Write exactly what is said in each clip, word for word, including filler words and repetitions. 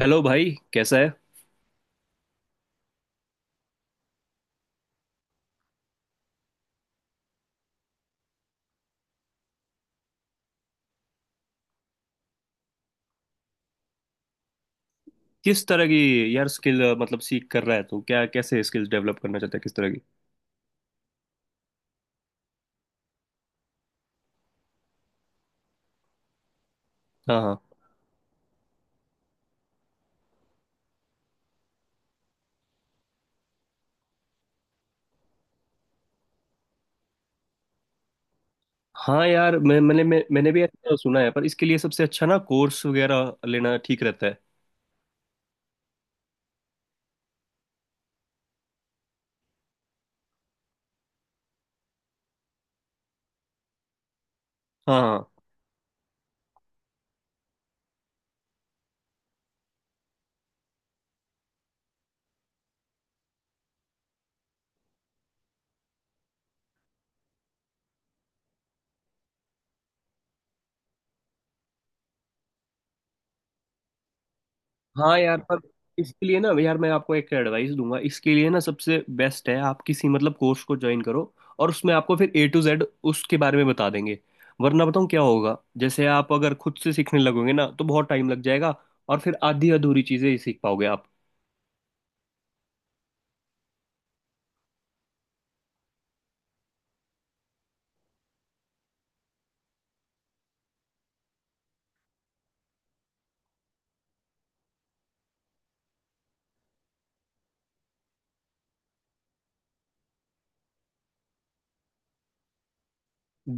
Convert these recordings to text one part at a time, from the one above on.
Hello भाई कैसा है? किस तरह की? यार स्किल मतलब सीख कर रहा है तू? क्या कैसे स्किल्स डेवलप करना चाहता है? किस तरह की? हाँ हाँ। हाँ यार मैं मैंने मैं, मैंने भी ऐसा सुना है पर इसके लिए सबसे अच्छा ना कोर्स वगैरह लेना ठीक रहता है। हाँ हाँ हाँ। यार पर इसके लिए ना यार मैं आपको एक एडवाइस दूंगा। इसके लिए ना सबसे बेस्ट है आप किसी मतलब कोर्स को ज्वाइन करो। और उसमें आपको फिर ए टू जेड उसके बारे में बता देंगे। वरना बताऊँ क्या होगा, जैसे आप अगर खुद से सीखने लगोगे ना तो बहुत टाइम लग जाएगा। और फिर आधी अधूरी चीजें ही सीख पाओगे आप।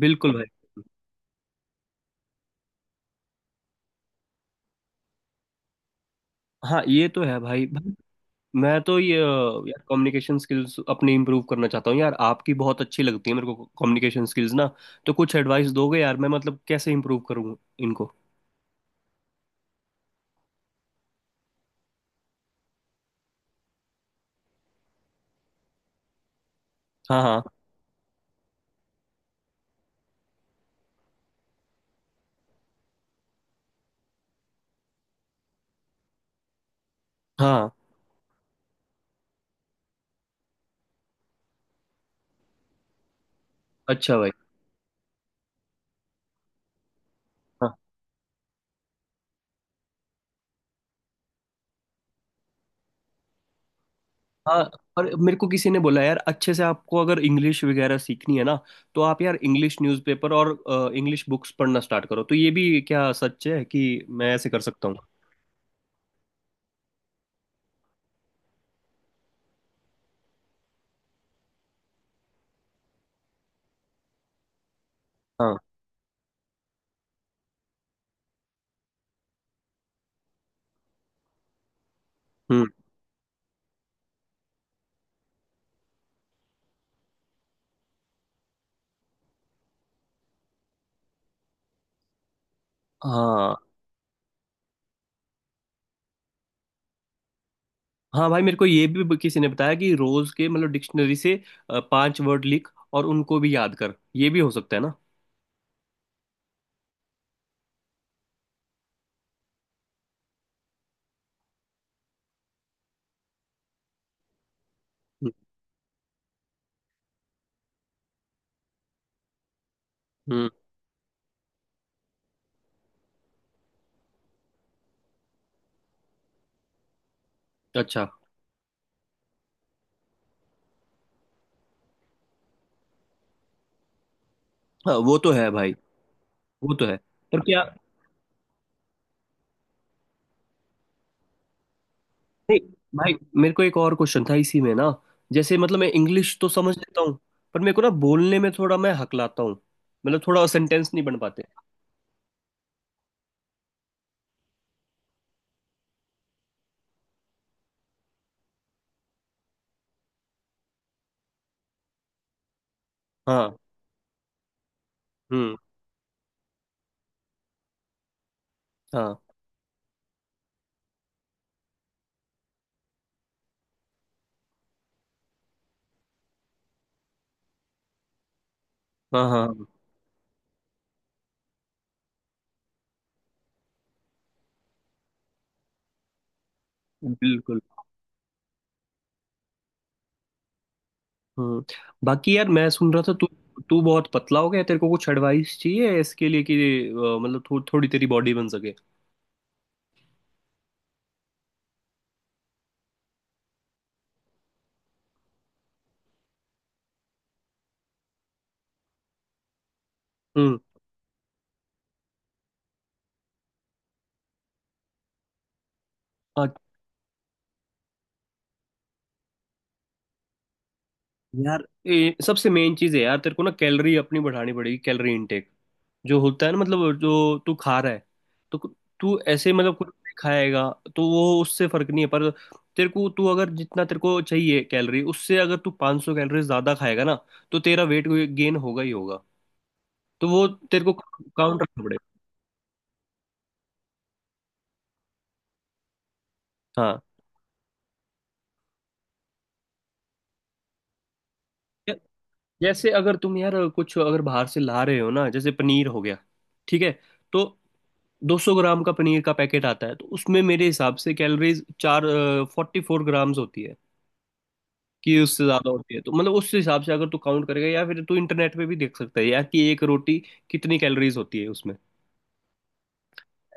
बिल्कुल भाई। हाँ ये तो है भाई भाई। मैं तो ये अ, यार कम्युनिकेशन स्किल्स अपनी इंप्रूव करना चाहता हूँ। यार आपकी बहुत अच्छी लगती है मेरे को कम्युनिकेशन स्किल्स ना। तो कुछ एडवाइस दोगे यार? मैं मतलब कैसे इंप्रूव करूँ इनको? हाँ हाँ हाँ। अच्छा भाई। हाँ हाँ। और मेरे को किसी ने बोला, यार अच्छे से आपको अगर इंग्लिश वगैरह सीखनी है ना, तो आप यार इंग्लिश न्यूज़पेपर और इंग्लिश बुक्स पढ़ना स्टार्ट करो। तो ये भी क्या सच है कि मैं ऐसे कर सकता हूँ? हाँ। हम्म। हाँ। हाँ भाई, मेरे को ये भी ब- किसी ने बताया कि रोज के मतलब डिक्शनरी से अ, पांच वर्ड लिख और उनको भी याद कर। ये भी हो सकता है ना? हम्म। अच्छा। हाँ, वो तो है भाई। वो तो है। पर क्या? नहीं भाई। मेरे को एक और क्वेश्चन था इसी में ना। जैसे मतलब मैं इंग्लिश तो समझ लेता हूँ। पर मेरे को ना बोलने में थोड़ा मैं हकलाता हूँ। मतलब थोड़ा सेंटेंस नहीं बन पाते। हाँ। हम्म। हाँ हाँ हाँ। हाँ, बिल्कुल। हम्म। बाकी यार मैं सुन रहा था तू। तू बहुत पतला हो गया। तेरे को कुछ एडवाइस चाहिए इसके लिए कि अ, मतलब थो, थोड़ी तेरी बॉडी बन सके। हम्म। हाँ, यार ए, सबसे मेन चीज़ है यार। तेरे को ना कैलोरी अपनी बढ़ानी पड़ेगी। कैलोरी इनटेक जो होता है ना, मतलब जो तू खा रहा है, तो कु- तू ऐसे मतलब कुछ भी खाएगा तो वो उससे फर्क नहीं है। पर तेरे को, तू अगर जितना तेरे को चाहिए कैलोरी उससे अगर तू पाँच सौ कैलोरी ज्यादा खाएगा ना तो तेरा वेट गेन होगा ही होगा। तो वो तेरे को काउंट रखना पड़ेगा। हाँ। जैसे अगर तुम यार कुछ अगर बाहर से ला रहे हो ना, जैसे पनीर हो गया, ठीक है, तो दो सौ ग्राम का पनीर का पैकेट आता है तो उसमें मेरे हिसाब से कैलोरीज चार फोर्टी फोर ग्राम्स होती है। कि उससे ज्यादा होती है, तो मतलब उस हिसाब से अगर तू काउंट करेगा या फिर तू इंटरनेट पे भी देख सकता है यार कि एक रोटी कितनी कैलोरीज होती है उसमें।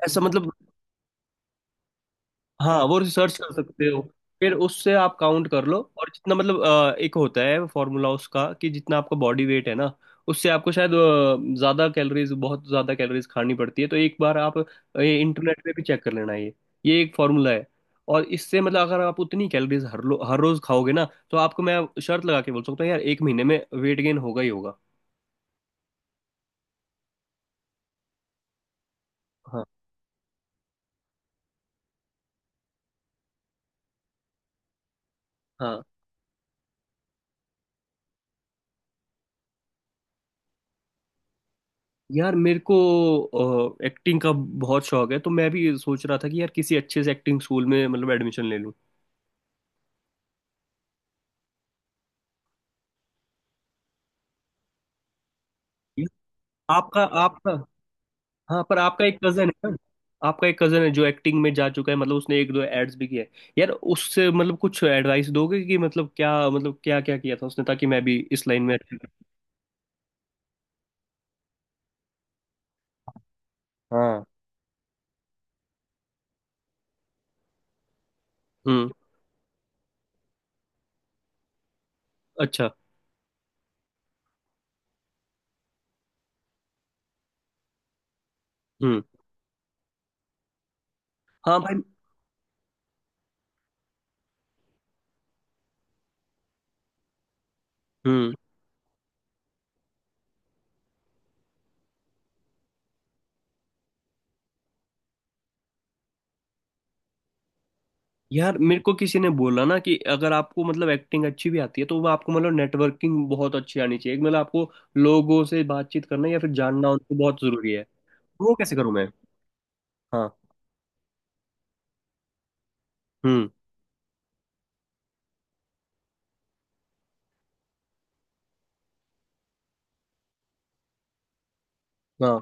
ऐसा मतलब। हाँ, वो रिसर्च कर सकते हो। फिर उससे आप काउंट कर लो और जितना मतलब अ, एक होता है फॉर्मूला उसका कि जितना आपका बॉडी वेट है ना उससे आपको शायद अ, ज्यादा कैलोरीज, बहुत ज्यादा कैलोरीज खानी पड़ती है। तो एक बार आप अ, ये इंटरनेट पे भी चेक कर लेना। ये ये एक फॉर्मूला है। और इससे मतलब अगर आप उतनी कैलोरीज हर लो हर रोज खाओगे ना तो आपको मैं शर्त लगा के बोल सकता हूँ यार एक महीने में वेट गेन होगा ही होगा। हाँ। हाँ। यार मेरे को एक्टिंग का बहुत शौक है तो मैं भी सोच रहा था कि यार किसी अच्छे से एक्टिंग स्कूल में मतलब एडमिशन ले लूं। आपका आपका हाँ, पर आपका एक कजन है ना। आपका एक कजन है जो एक्टिंग में जा चुका है, मतलब उसने एक दो एड्स भी किया है। यार उससे मतलब कुछ एडवाइस दोगे कि मतलब क्या, मतलब क्या क्या किया था उसने, ताकि मैं भी इस लाइन में अच्छा करूं। हाँ। हम्म। अच्छा। हम्म। हाँ भाई। हम्म। यार मेरे को किसी ने बोला ना कि अगर आपको मतलब एक्टिंग अच्छी भी आती है तो वो आपको मतलब नेटवर्किंग बहुत अच्छी आनी चाहिए, मतलब आपको लोगों से बातचीत करना या फिर जानना उनको बहुत जरूरी है। वो कैसे करूँ मैं? हाँ। हम्म। हाँ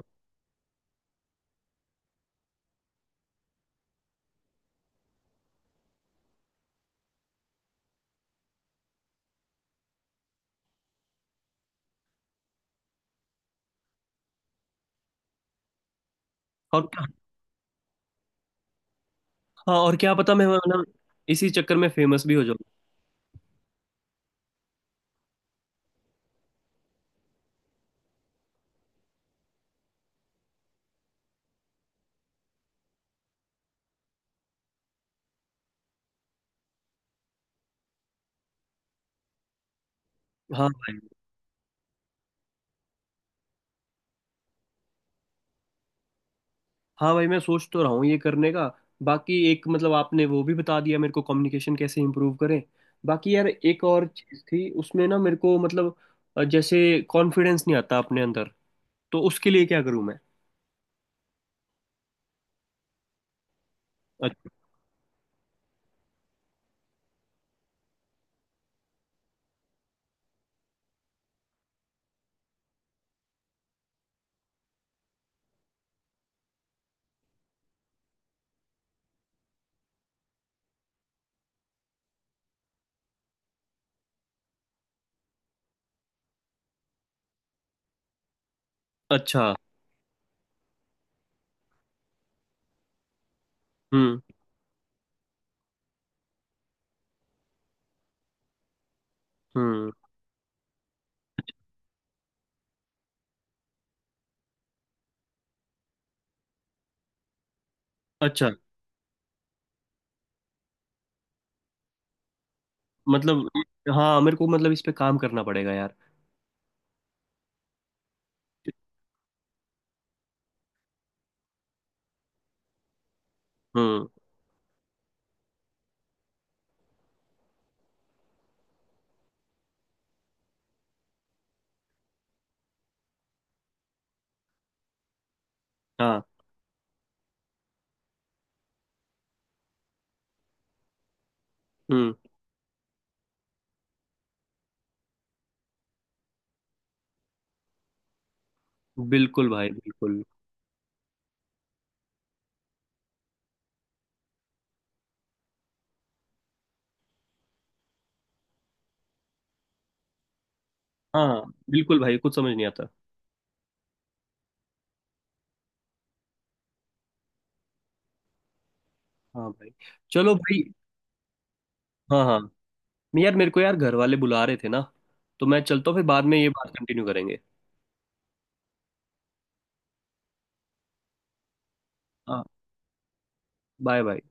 और हाँ और क्या पता, मैं मतलब इसी चक्कर में फेमस भी हो जाऊँ। हाँ भाई। हाँ भाई मैं सोच तो रहा हूँ ये करने का। बाकी एक मतलब आपने वो भी बता दिया मेरे को, कम्युनिकेशन कैसे इम्प्रूव करें। बाकी यार एक और चीज़ थी उसमें ना, मेरे को मतलब अ, जैसे कॉन्फिडेंस नहीं आता अपने अंदर। तो उसके लिए क्या करूँ मैं? अ- अच्छा। हम्म। हम्म। अच्छा। मतलब। हाँ, मेरे को मतलब इस पे काम करना पड़ेगा यार। हम्म। हाँ। हम्म। बिल्कुल भाई, बिल्कुल। हाँ। बिल्कुल भाई, कुछ समझ नहीं आता। हाँ भाई। चलो भाई। हाँ हाँ। मैं यार, मेरे को यार घर वाले बुला रहे थे ना, तो मैं चलता हूँ, फिर बाद में ये बात कंटिन्यू करेंगे। हाँ। Bye bye.